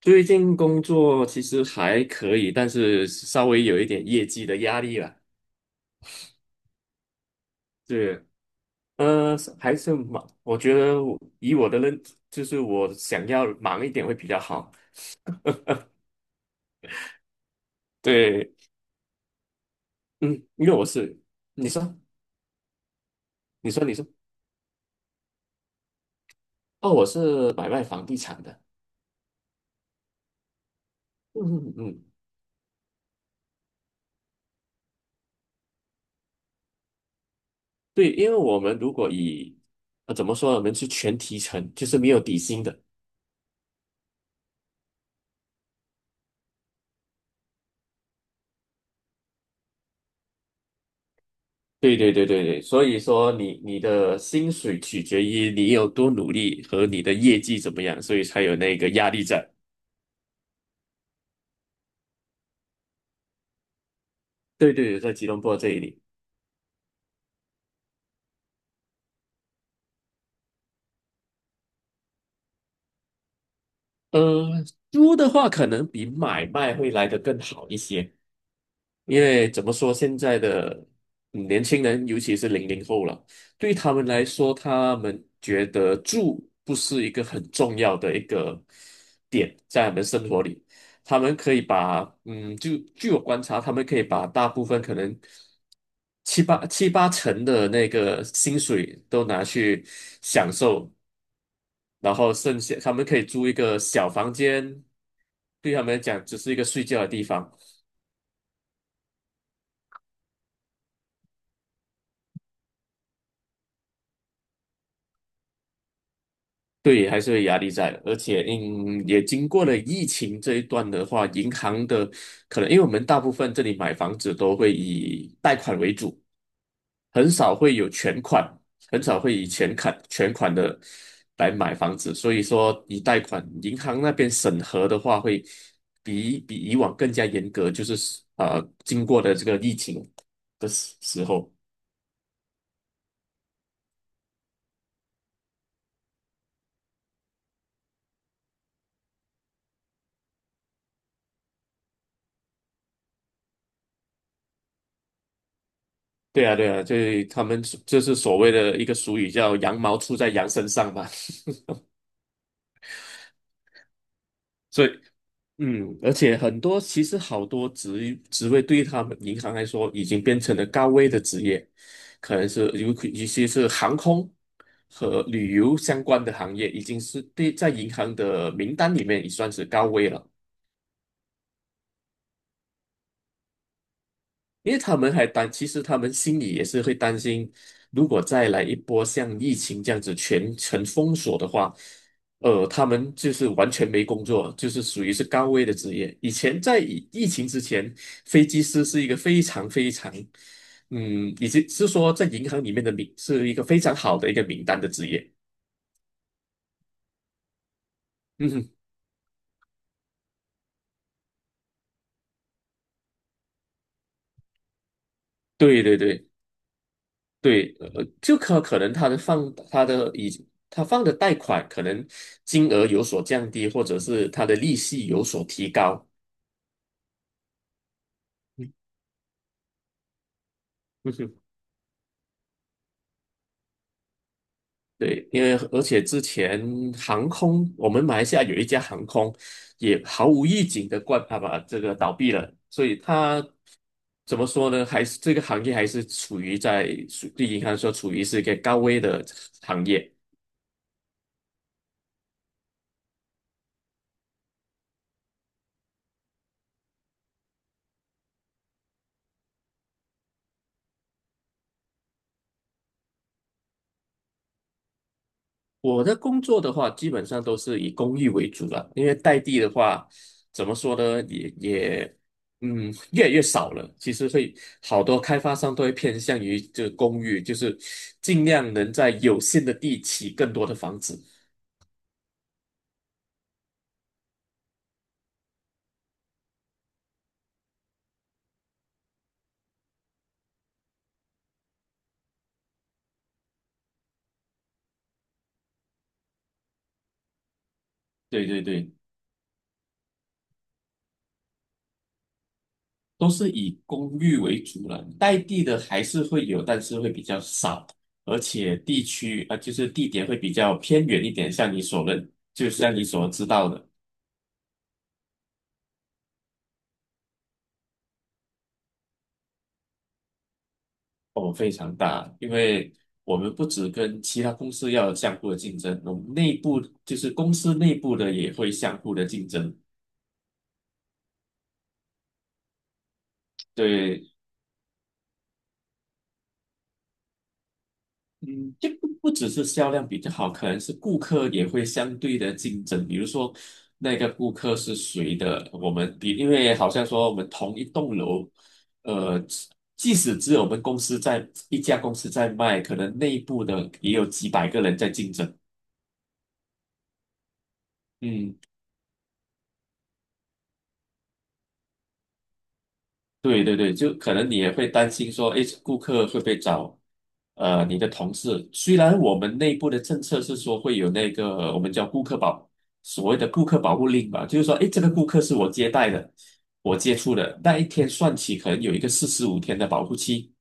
最近工作其实还可以，但是稍微有一点业绩的压力了。对，还是忙，我觉得我以我的认，就是我想要忙一点会比较好。对，嗯，因为我是，你说，你说，你说，哦，我是买卖房地产的。嗯嗯，嗯，对，因为我们如果以，怎么说呢，我们是全提成，就是没有底薪的。对对对对对，所以说你的薪水取决于你有多努力和你的业绩怎么样，所以才有那个压力在。对对，对，在吉隆坡这里，呃，租的话可能比买卖会来得更好一些，因为怎么说，现在的年轻人，尤其是00后了，对他们来说，他们觉得住不是一个很重要的一个点，在他们生活里，他们可以把就据我观察，他们可以把大部分可能七八成的那个薪水都拿去享受，然后剩下他们可以租一个小房间，对他们来讲只是一个睡觉的地方。对，还是会压力在，而且也经过了疫情这一段的话，银行的可能，因为我们大部分这里买房子都会以贷款为主，很少会有全款，很少会以全款的来买房子，所以说以贷款，银行那边审核的话会比以往更加严格，就是经过的这个疫情的时候，对啊，对啊，就是他们就是所谓的一个俗语叫"羊毛出在羊身上"嘛。所以而且很多其实好多职位对于他们银行来说已经变成了高危的职业，可能是有一些是航空和旅游相关的行业，已经是对在银行的名单里面已算是高危了。因为他们还担，其实他们心里也是会担心，如果再来一波像疫情这样子全城封锁的话，他们就是完全没工作，就是属于是高危的职业。以前在疫情之前，飞机师是一个非常非常，以及是说在银行里面的名是一个非常好的一个名单的职业。嗯哼，对对对。对，就可能他的放他的已他放的贷款可能金额有所降低，或者是他的利息有所提高。嗯嗯哼，对，因为而且之前航空，我们马来西亚有一家航空也毫无预警的关啊把这个倒闭了，所以它怎么说呢？还是这个行业还是处于在对银行说处于是一个高危的行业。我的工作的话，基本上都是以公寓为主了，因为代地的话，怎么说呢，也，越来越少了。其实会好多开发商都会偏向于这公寓，就是尽量能在有限的地起更多的房子。对对对，都是以公寓为主了，代地的还是会有，但是会比较少，而且地区啊，就是地点会比较偏远一点，像你所认，就像你所知道的。哦，非常大，因为我们不只跟其他公司要有相互的竞争，我们内部就是公司内部的也会相互的竞争。对，嗯，就不只是销量比较好，可能是顾客也会相对的竞争。比如说那个顾客是谁的，我们比，因为好像说我们同一栋楼，呃，即使只有我们公司在一家公司在卖，可能内部的也有几百个人在竞争。嗯。对对对，就可能你也会担心说，诶，顾客会不会找你的同事？虽然我们内部的政策是说会有那个我们叫顾客保，所谓的顾客保护令吧，就是说，诶，这个顾客是我接待的，我接触的，那一天算起可能有一个45天的保护期。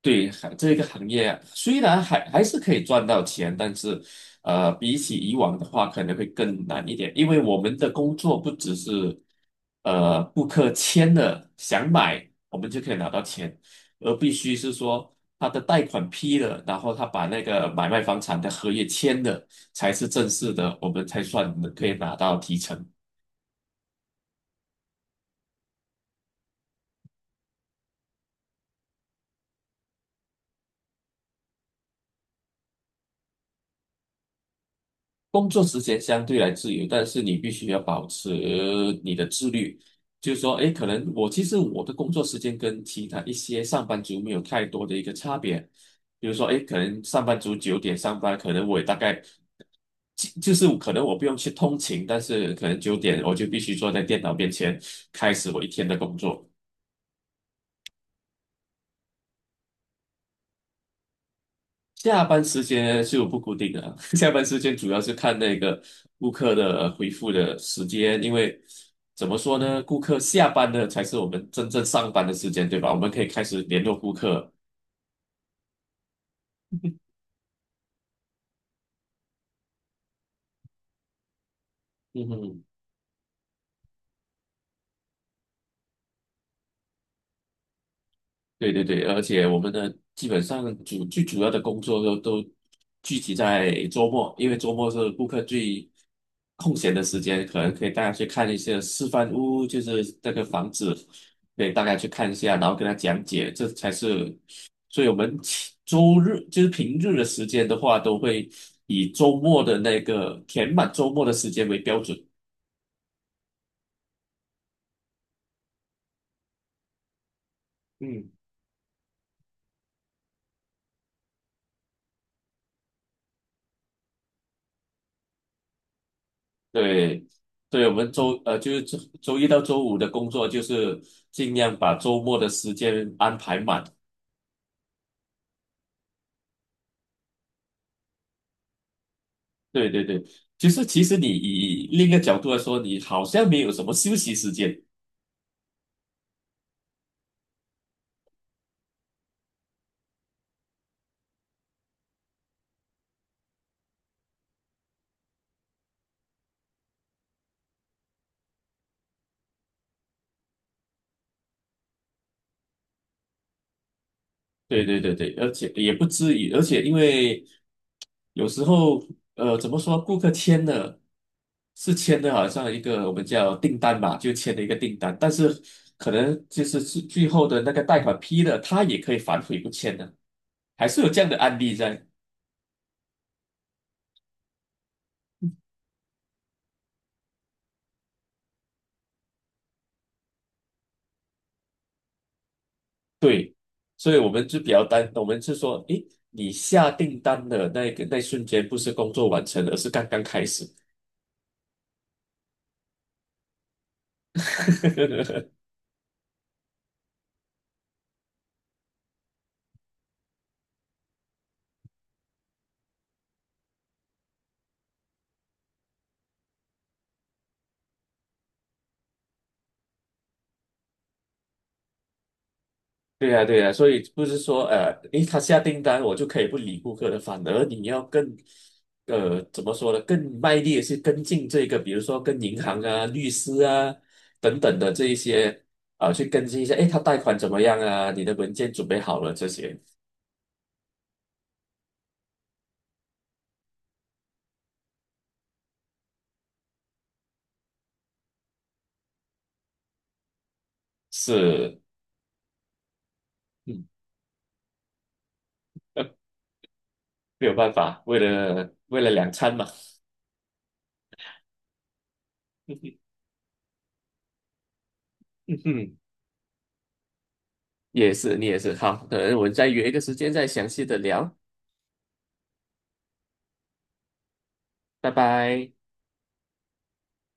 对，还这个行业啊虽然还是可以赚到钱，但是，比起以往的话，可能会更难一点，因为我们的工作不只是，顾客签了想买，我们就可以拿到钱，而必须是说他的贷款批了，然后他把那个买卖房产的合约签了，才是正式的，我们才算可以拿到提成。工作时间相对来自由，但是你必须要保持你的自律。就是说，诶，可能我其实我的工作时间跟其他一些上班族没有太多的一个差别。比如说，诶，可能上班族九点上班，可能我也大概就是可能我不用去通勤，但是可能九点我就必须坐在电脑面前开始我一天的工作。下班时间就不固定的啊，下班时间主要是看那个顾客的回复的时间，因为怎么说呢，顾客下班的才是我们真正上班的时间，对吧？我们可以开始联络顾客。嗯哼。对对对，而且我们的基本上主要的工作都聚集在周末，因为周末是顾客最空闲的时间，可能可以带他去看一些示范屋，就是那个房子，可以大家去看一下，然后跟他讲解，这才是。所以我们其周日就是平日的时间的话，都会以周末的那个填满周末的时间为标准。嗯对，对，我们就是周一到周五的工作，就是尽量把周末的时间安排满。对对对，就是其实你以另一个角度来说，你好像没有什么休息时间。对对对对，而且也不至于，而且因为有时候怎么说，顾客签了是签的，好像一个我们叫订单吧，就签了一个订单，但是可能就是最后的那个贷款批了，他也可以反悔不签的。还是有这样的案例在。对，所以我们就比较担，我们是说，诶，你下订单的那个那瞬间，不是工作完成，而是刚刚开始。对呀，对呀，所以不是说，诶，他下订单我就可以不理顾客了，反而你要更，怎么说呢？更卖力的去跟进这个，比如说跟银行啊、律师啊等等的这一些啊、去跟进一下，诶，他贷款怎么样啊？你的文件准备好了这些是，嗯，呃没有办法，为了两餐嘛。嗯哼也是，你也是。好，可能我们再约一个时间再详细的聊，拜拜。